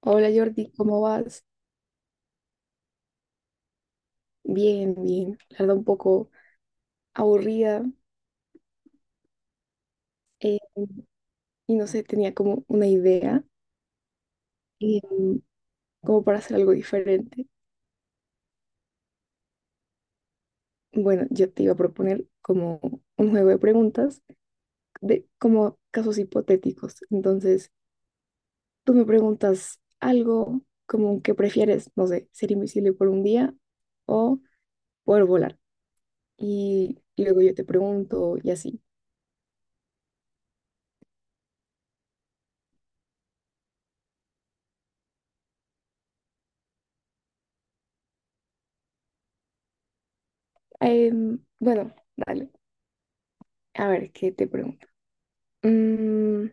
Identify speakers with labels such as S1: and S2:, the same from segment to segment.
S1: Hola Jordi, ¿cómo vas? Bien, bien. La verdad un poco aburrida. eh, y no sé, tenía como una idea eh, como para hacer algo diferente. Bueno, yo te iba a proponer como un juego de preguntas de como casos hipotéticos. Entonces, tú me preguntas algo como que prefieres, no sé, ser invisible por un día o poder volar. Y luego yo te pregunto y así. Bueno, dale. A ver, ¿qué te pregunto? Mm,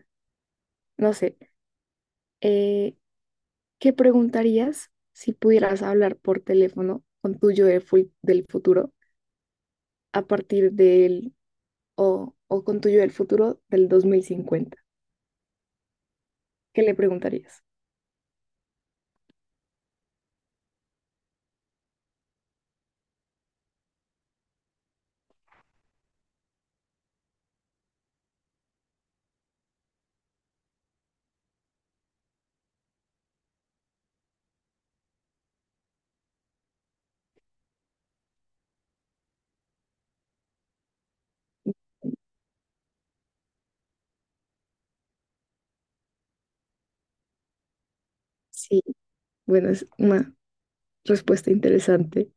S1: no sé, eh, ¿qué preguntarías si pudieras hablar por teléfono con tu yo del futuro a partir o con tu yo del futuro del 2050? ¿Qué le preguntarías? Sí, bueno, es una respuesta interesante.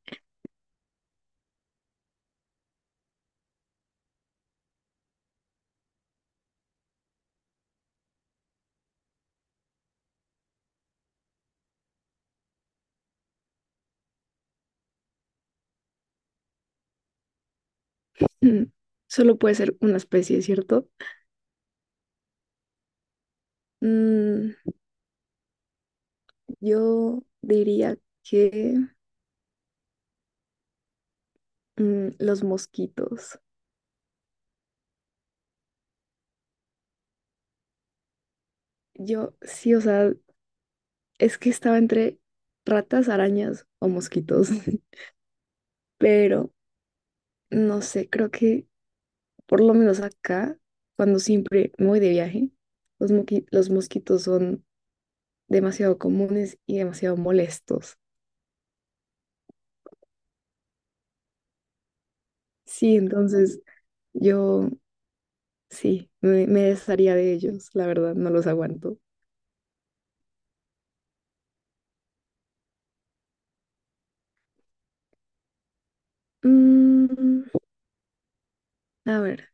S1: Mm, ¿Solo puede ser una especie, cierto? Mm, yo diría que, los mosquitos. Yo sí, o sea, es que estaba entre ratas, arañas o mosquitos, pero no sé, creo que por lo menos acá, cuando siempre me voy de viaje, los mosquitos son demasiado comunes y demasiado molestos. Sí, entonces yo sí, me desharía de ellos, la verdad, no los aguanto. Mm, a ver,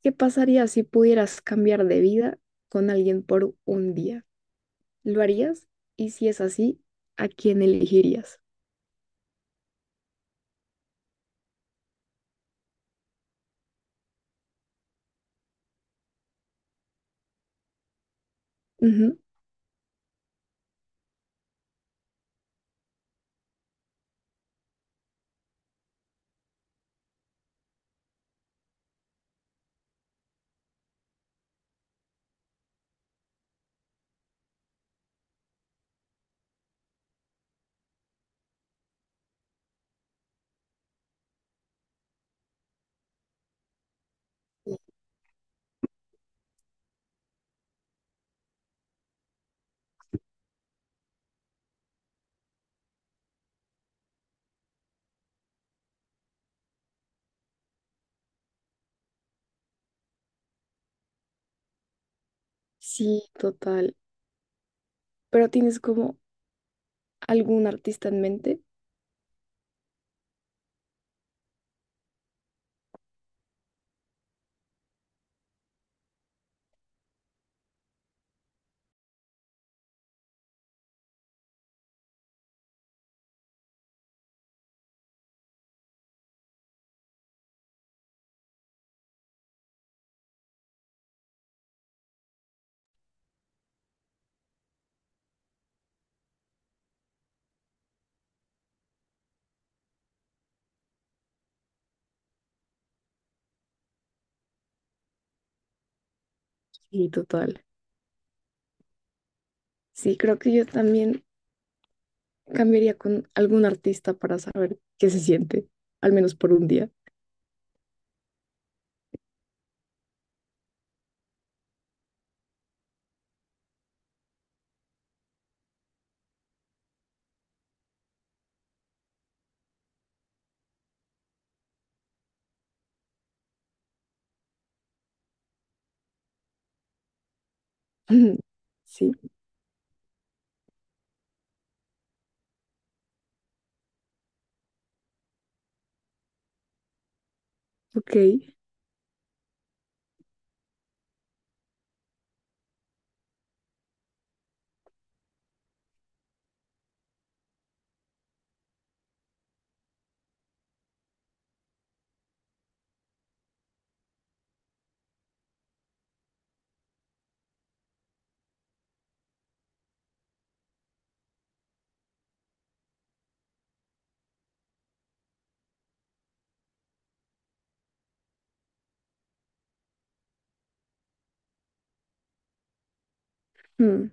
S1: ¿qué pasaría si pudieras cambiar de vida con alguien por un día? ¿Lo harías? Y si es así, ¿a quién elegirías? Ujú. Sí, total. Pero tienes como algún artista en mente. Sí, total. Sí, creo que yo también cambiaría con algún artista para saber qué se siente, al menos por un día. Sí, ok. Mm,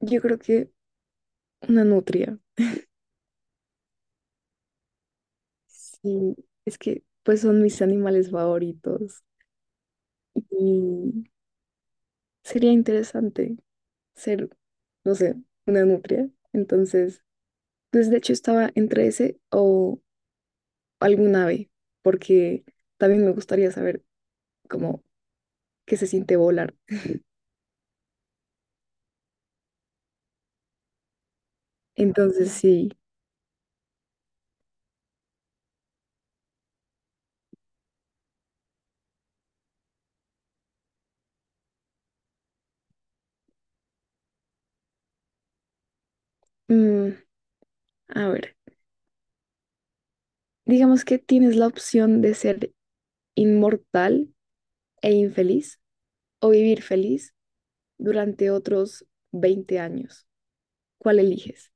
S1: Yo creo que una nutria. Sí, es que pues son mis animales favoritos y sería interesante ser, no sé, una nutria. Entonces, pues de hecho estaba entre ese o algún ave, porque también me gustaría saber cómo, qué se siente volar. Entonces, sí, mm, a ver, digamos que tienes la opción de ser inmortal e infeliz o vivir feliz durante otros 20 años. ¿Cuál eliges?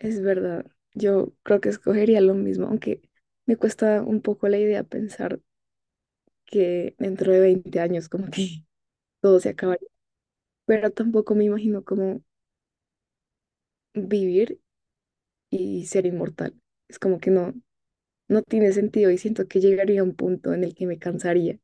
S1: Es verdad, yo creo que escogería lo mismo, aunque me cuesta un poco la idea pensar que dentro de 20 años como que todo se acabaría, pero tampoco me imagino cómo vivir y ser inmortal. Es como que no, no tiene sentido y siento que llegaría a un punto en el que me cansaría.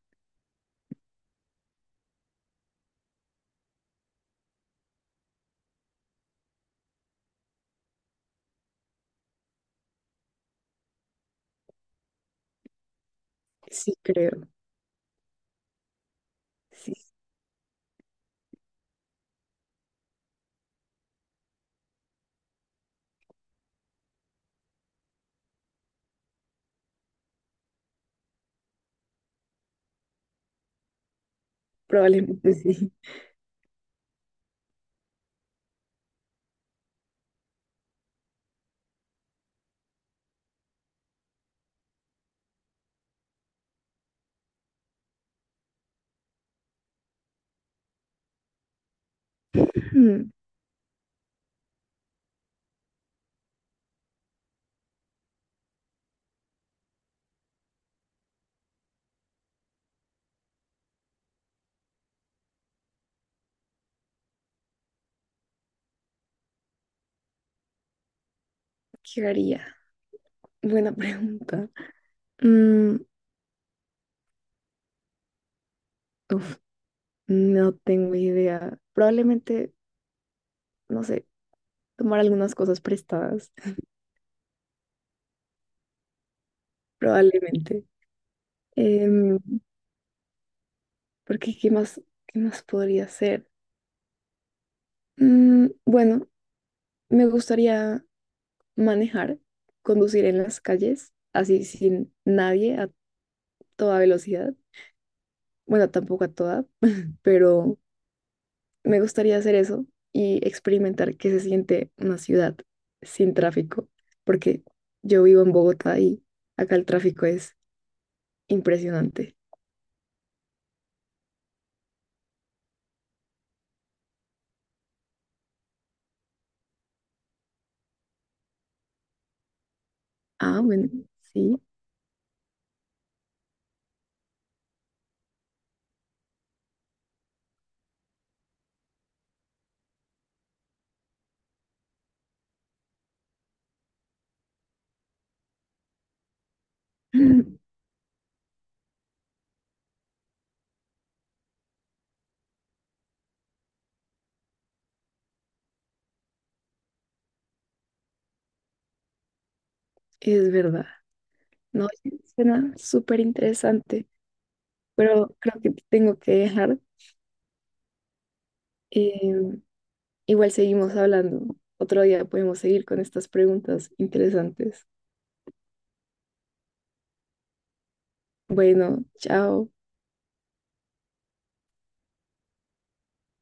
S1: Sí, creo. Sí, probablemente sí. Mm, ¿Qué haría? Buena pregunta. Mm, Uf, no tengo idea. Probablemente, no sé, tomar algunas cosas prestadas. Probablemente. Em, Porque qué más podría hacer? Bueno, me gustaría manejar, conducir en las calles, así sin nadie, a toda velocidad. Bueno, tampoco a toda, pero me gustaría hacer eso y experimentar qué se siente una ciudad sin tráfico, porque yo vivo en Bogotá y acá el tráfico es impresionante. Ah, bueno, sí, es verdad. No, sí, suena súper interesante, pero creo que te tengo que dejar. Eh, igual seguimos hablando. Otro día podemos seguir con estas preguntas interesantes. Bueno, chao.